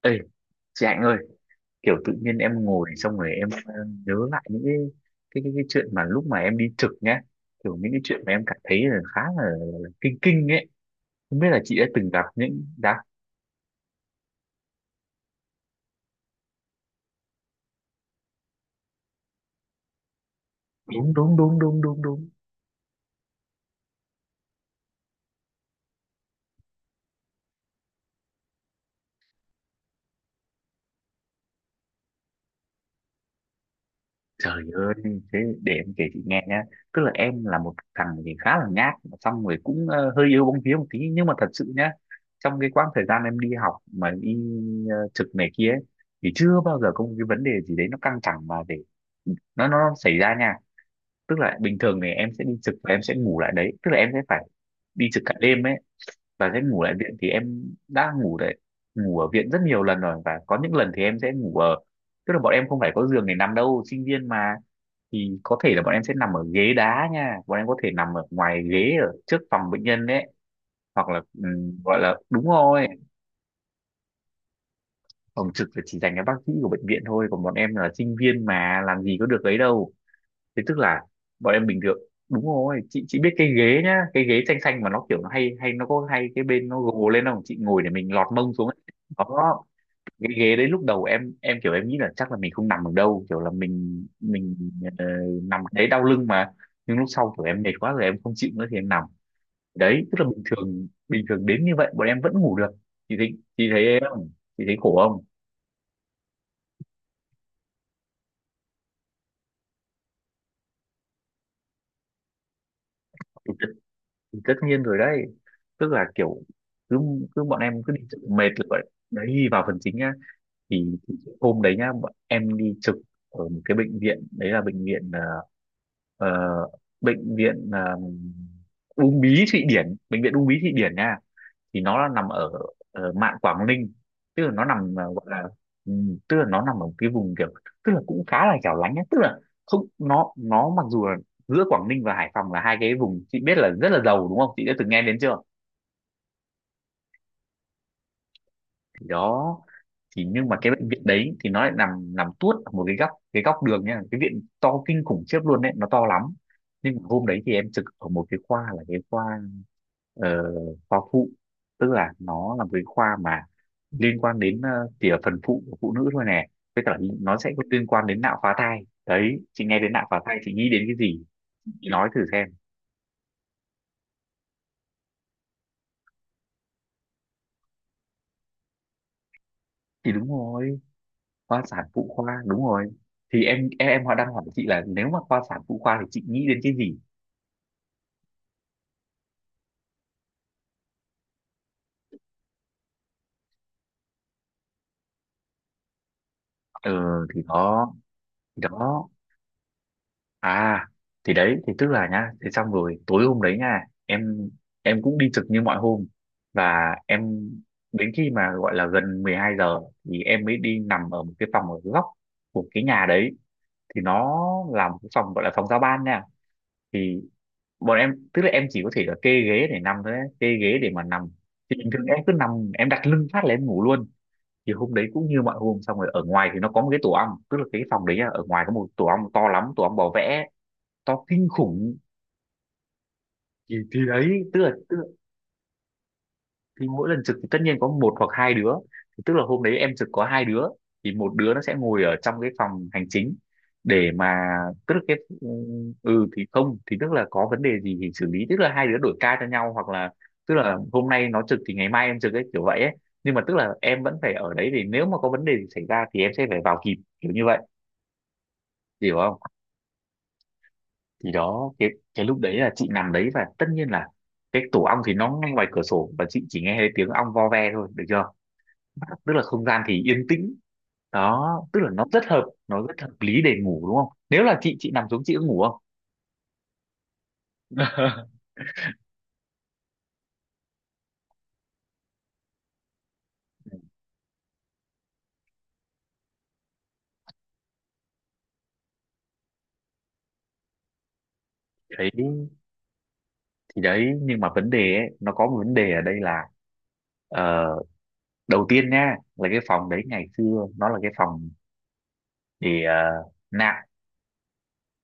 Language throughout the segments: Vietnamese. Ê, chị Hạnh ơi, kiểu tự nhiên em ngồi xong rồi em nhớ lại những cái chuyện mà lúc mà em đi trực nhá, kiểu những cái chuyện mà em cảm thấy là khá là kinh kinh ấy. Không biết là chị đã từng gặp những đã đúng đúng đúng đúng đúng đúng. Trời ơi, thế để em kể chị nghe nhá. Tức là em là một thằng thì khá là nhát, mà xong rồi cũng hơi yếu bóng vía một tí. Nhưng mà thật sự nhá, trong cái quãng thời gian em đi học mà đi trực này kia ấy, thì chưa bao giờ có một cái vấn đề gì đấy nó căng thẳng mà để nó xảy ra nha. Tức là bình thường thì em sẽ đi trực và em sẽ ngủ lại đấy. Tức là em sẽ phải đi trực cả đêm ấy và sẽ ngủ lại viện, thì em đã ngủ đấy, ngủ ở viện rất nhiều lần rồi, và có những lần thì em sẽ ngủ ở, tức là bọn em không phải có giường để nằm đâu, sinh viên mà, thì có thể là bọn em sẽ nằm ở ghế đá nha, bọn em có thể nằm ở ngoài ghế ở trước phòng bệnh nhân đấy, hoặc là gọi là, đúng rồi, phòng trực là chỉ dành cho bác sĩ của bệnh viện thôi, còn bọn em là sinh viên mà làm gì có được ấy đâu. Thế tức là bọn em bình thường, đúng rồi, chị biết cái ghế nhá, cái ghế xanh xanh mà nó kiểu nó hay hay nó có hay cái bên nó gồ lên không, chị ngồi để mình lọt mông xuống ấy. Đó, cái ghế đấy lúc đầu em kiểu em nghĩ là chắc là mình không nằm được đâu, kiểu là mình ờ, nằm đấy đau lưng mà, nhưng lúc sau kiểu em mệt quá rồi em không chịu nữa thì em nằm đấy. Tức là bình thường đến như vậy bọn em vẫn ngủ được. Chị thấy em không? Chị thấy khổ không? Tất nhiên rồi đấy. Tức là kiểu cứ cứ bọn em cứ đi trực mệt là vậy đấy. Vào phần chính nhá. Thì hôm đấy nhá bọn em đi trực ở một cái bệnh viện, đấy là bệnh viện ờ, bệnh viện Uông Bí Thụy Điển, bệnh viện Uông Bí Thụy Điển nha. Thì nó là nằm ở mạn Quảng Ninh, tức là nó nằm gọi là ừ, tức là nó nằm ở cái vùng kiểu, tức là cũng khá là hẻo lánh ấy. Tức là không, nó mặc dù là giữa Quảng Ninh và Hải Phòng là hai cái vùng chị biết là rất là giàu, đúng không, chị đã từng nghe đến chưa? Thì đó, thì nhưng mà cái bệnh viện đấy thì nó lại nằm nằm tuốt ở một cái góc đường nha, cái viện to kinh khủng khiếp luôn đấy, nó to lắm. Nhưng mà hôm đấy thì em trực ở một cái khoa, là cái khoa ờ, khoa phụ. Tức là nó là một cái khoa mà liên quan đến chỉ ở phần phụ của phụ nữ thôi nè, với cả nó sẽ có liên quan đến nạo phá thai đấy. Chị nghe đến nạo phá thai chị nghĩ đến cái gì? Chị nói thử xem. Thì đúng rồi, khoa sản phụ khoa đúng rồi. Thì em họ đang hỏi chị là nếu mà khoa sản phụ khoa thì chị nghĩ đến cái gì. Ừ, thì đó, thì đó, à, thì đấy, thì tức là nhá, thế xong rồi tối hôm đấy nha, em em cũng đi trực như mọi hôm. Và em, đến khi mà gọi là gần 12 giờ thì em mới đi nằm ở một cái phòng ở góc của cái nhà đấy, thì nó là một cái phòng gọi là phòng giao ban nha. Thì bọn em, tức là em chỉ có thể là kê ghế để nằm thôi ấy, kê ghế để mà nằm. Thì bình thường em cứ nằm em đặt lưng phát là em ngủ luôn. Thì hôm đấy cũng như mọi hôm, xong rồi ở ngoài thì nó có một cái tổ ong, tức là cái phòng đấy là ở ngoài có một tổ ong to lắm, tổ ong bò vẽ to kinh khủng. Thì đấy, tức là, thì mỗi lần trực thì tất nhiên có một hoặc hai đứa. Thì tức là hôm đấy em trực có hai đứa, thì một đứa nó sẽ ngồi ở trong cái phòng hành chính để mà, tức là cái, ừ, thì không, thì tức là có vấn đề gì thì xử lý, tức là hai đứa đổi ca cho nhau, hoặc là tức là hôm nay nó trực thì ngày mai em trực ấy, kiểu vậy ấy. Nhưng mà tức là em vẫn phải ở đấy, thì nếu mà có vấn đề gì xảy ra thì em sẽ phải vào kịp, kiểu như vậy. Chị hiểu không? Thì đó, cái lúc đấy là chị nằm đấy và tất nhiên là cái tổ ong thì nó ngay ngoài cửa sổ, và chị chỉ nghe thấy tiếng ong vo ve thôi, được chưa. Tức là không gian thì yên tĩnh, đó, tức là nó rất hợp, nó rất hợp lý để ngủ đúng không? Nếu là chị nằm xuống chị có ngủ không? Đấy, thì đấy, nhưng mà vấn đề ấy, nó có một vấn đề ở đây là ờ, đầu tiên nha là cái phòng đấy ngày xưa nó là cái phòng để nạp,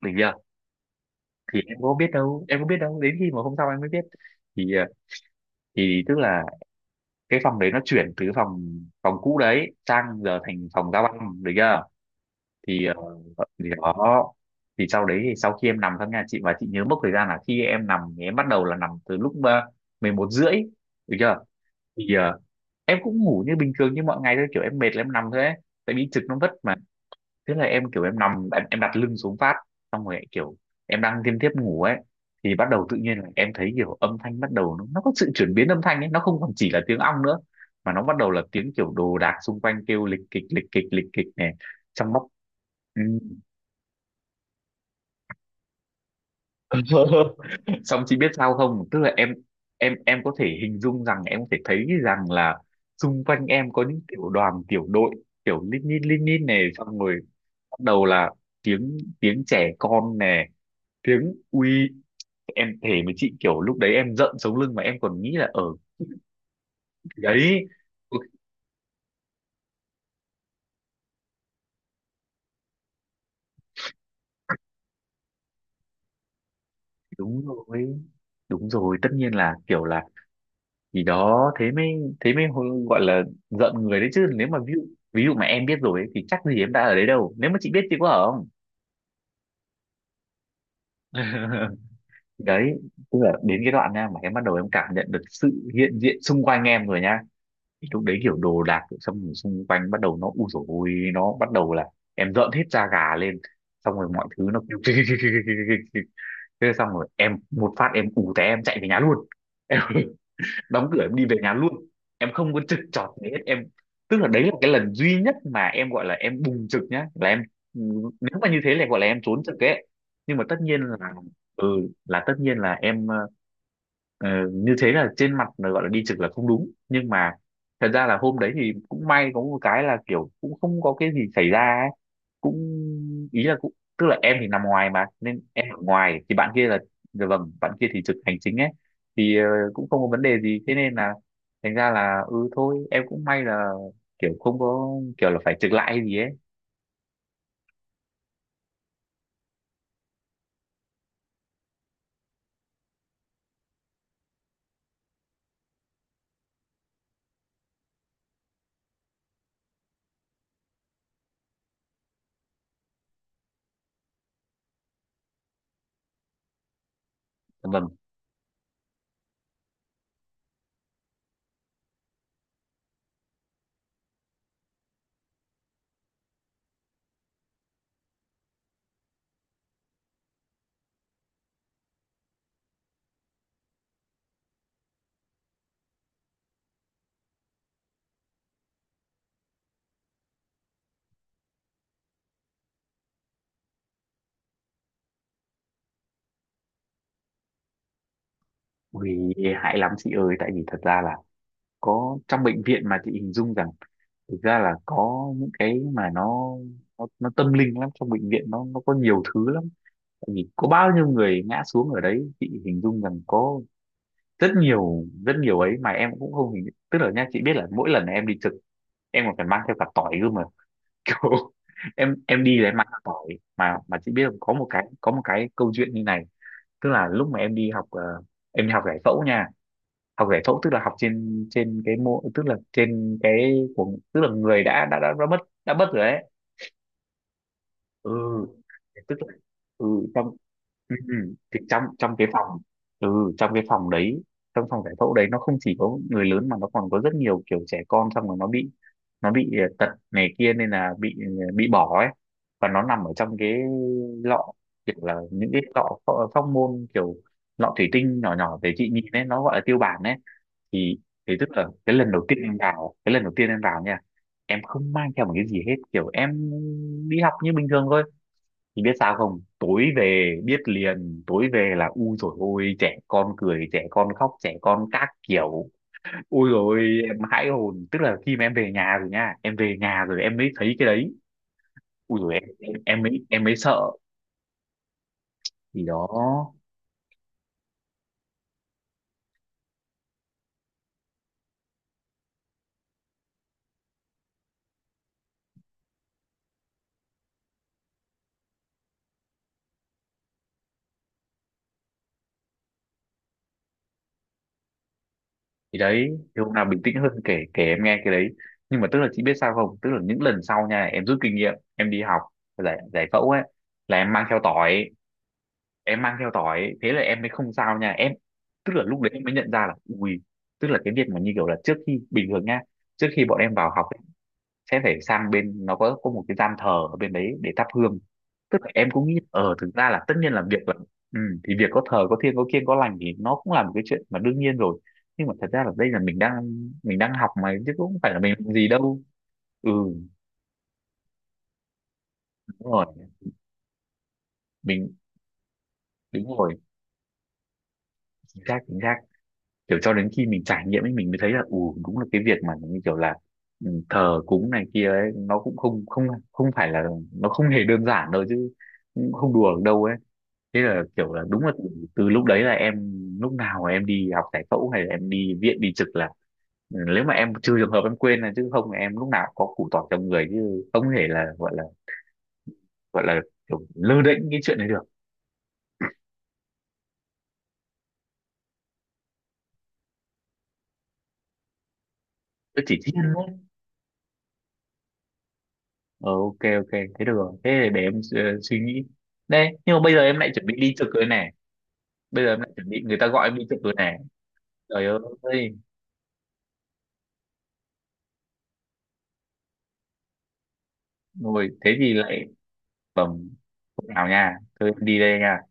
được chưa. Thì em có biết đâu, em có biết đâu, đến khi mà hôm sau em mới biết, thì thì tức là cái phòng đấy nó chuyển từ phòng phòng cũ đấy sang giờ thành phòng giao băng, được chưa. Thì thì đó, thì sau đấy thì sau khi em nằm trong nhà chị, và chị nhớ mốc thời gian là khi em nằm thì em bắt đầu là nằm từ lúc 11 rưỡi được chưa. Thì em cũng ngủ như bình thường như mọi ngày thôi, kiểu em mệt là em nằm thôi ấy, tại vì trực nó vất mà. Thế là em kiểu em nằm, em đặt lưng xuống phát, xong rồi kiểu em đang thiêm thiếp ngủ ấy, thì bắt đầu tự nhiên là em thấy kiểu âm thanh bắt đầu nó có sự chuyển biến âm thanh ấy, nó không còn chỉ là tiếng ong nữa mà nó bắt đầu là tiếng kiểu đồ đạc xung quanh kêu lịch kịch lịch kịch lịch kịch này, trong bóc. Ừ. Xong chị biết sao không, tức là em có thể hình dung rằng em có thể thấy rằng là xung quanh em có những tiểu đoàn tiểu đội, kiểu lít nhít này, xong rồi bắt đầu là tiếng tiếng trẻ con nè, tiếng uy. Em thề với chị kiểu lúc đấy em giận sống lưng mà em còn nghĩ là ở đấy. Ui, đúng rồi, đúng rồi, tất nhiên là kiểu là gì đó. Thế mới gọi là giận người đấy chứ, nếu mà ví dụ mà em biết rồi ấy, thì chắc gì em đã ở đấy đâu, nếu mà chị biết chị có ở không? Đấy, tức là đến cái đoạn nha mà em bắt đầu em cảm nhận được sự hiện diện xung quanh em rồi nha. Thì lúc đấy kiểu đồ đạc xong rồi xung quanh bắt đầu nó, u dồi ôi, nó bắt đầu là em rợn hết da gà lên, xong rồi mọi thứ nó kêu kêu kêu kêu kêu kêu kêu kêu. Thế xong rồi em một phát em ù té em chạy về nhà luôn. Em đóng cửa em đi về nhà luôn, em không có trực trọt gì hết em. Tức là đấy là cái lần duy nhất mà em gọi là em bùng trực nhá, là em nếu mà như thế là gọi là em trốn trực ấy. Nhưng mà ừ tất nhiên là em, Ờ, như thế là trên mặt là gọi là đi trực là không đúng, nhưng mà thật ra là hôm đấy thì cũng may có một cái là kiểu cũng không có cái gì xảy ra ấy. Cũng, ý là cũng, tức là em thì nằm ngoài mà nên em ở ngoài thì bạn kia là dạ vâng, bạn kia thì trực hành chính ấy, thì cũng không có vấn đề gì, thế nên là thành ra là ừ thôi, em cũng may là kiểu không có kiểu là phải trực lại hay gì ấy. Vâng. Ui, hại lắm chị ơi, tại vì thật ra là có trong bệnh viện mà chị hình dung rằng thực ra là có những cái mà nó tâm linh lắm, trong bệnh viện nó có nhiều thứ lắm, tại vì có bao nhiêu người ngã xuống ở đấy, chị hình dung rằng có rất nhiều ấy, mà em cũng không hình, tức là nha chị biết là mỗi lần em đi trực em còn phải mang theo cả tỏi cơ mà, kiểu em đi là em ăn tỏi mà chị biết không, có một cái, có một cái câu chuyện như này. Tức là lúc mà em đi học em đi học giải phẫu nha, học giải phẫu tức là học trên trên cái mô, tức là trên cái của, tức là người đã mất, đã mất rồi đấy. Ừ, tức là, ừ, trong, ừ, ừ, thì trong trong cái phòng, ừ, trong cái phòng đấy, trong phòng giải phẫu đấy, nó không chỉ có người lớn mà nó còn có rất nhiều kiểu trẻ con, xong rồi nó bị, nó bị tật này kia nên là bị bị bỏ ấy, và nó nằm ở trong cái lọ, kiểu là những cái lọ phóc môn, kiểu lọ thủy tinh nhỏ nhỏ để chị nhìn ấy, nó gọi là tiêu bản ấy. thì thì tức là cái lần đầu tiên em vào, cái lần đầu tiên em vào nha, em không mang theo một cái gì hết, kiểu em đi học như bình thường thôi, thì biết sao không, tối về biết liền, tối về là u rồi, ôi trẻ con cười, trẻ con khóc, trẻ con các kiểu, ôi rồi em hãi hồn, tức là khi mà em về nhà rồi nha, em về nhà rồi em mới thấy cái đấy. Ui rồi em mới em mới sợ. Thì đó. Thì đấy, thì hôm nào bình tĩnh hơn kể kể em nghe cái đấy. Nhưng mà tức là chị biết sao không, tức là những lần sau nha, em rút kinh nghiệm, em đi học giải giải phẫu ấy là em mang theo tỏi, em mang theo tỏi ấy, thế là em mới không sao nha em, tức là lúc đấy em mới nhận ra là, ui, tức là cái việc mà như kiểu là trước khi bình thường nha, trước khi bọn em vào học ấy, sẽ phải sang bên, nó có một cái gian thờ ở bên đấy để thắp hương, tức là em cũng nghĩ ờ thực ra là tất nhiên là việc là, ừ, thì việc có thờ có thiêng, có kiêng có lành thì nó cũng là một cái chuyện mà đương nhiên rồi, nhưng mà thật ra là đây là mình đang, mình đang học mà, chứ cũng không phải là mình làm gì đâu. Ừ, đúng rồi, mình. Đúng rồi. Chính xác, chính xác. Kiểu cho đến khi mình trải nghiệm ấy mình mới thấy là ừ, đúng là cái việc mà như kiểu là, ừ, thờ cúng này kia ấy, nó cũng không không không phải là, nó không hề đơn giản đâu, chứ cũng không đùa được đâu ấy. Thế là kiểu là đúng là từ, từ lúc đấy là em, lúc nào em đi học giải phẫu hay là em đi viện đi trực là, ừ, nếu mà em, trừ trường hợp em quên, là chứ không là em lúc nào cũng có củ tỏi trong người, chứ không thể là gọi là, gọi là kiểu lơ đễnh cái chuyện này được. Nó chỉ thiên thôi. Ờ, ok ok, thế được rồi, thế thì để em suy nghĩ đây, nhưng mà bây giờ em lại chuẩn bị đi trực rồi này, bây giờ em lại chuẩn bị người ta gọi em đi trực rồi này, trời ơi, ngồi thế thì lại, bẩm không nào nha, thôi em đi đây nha.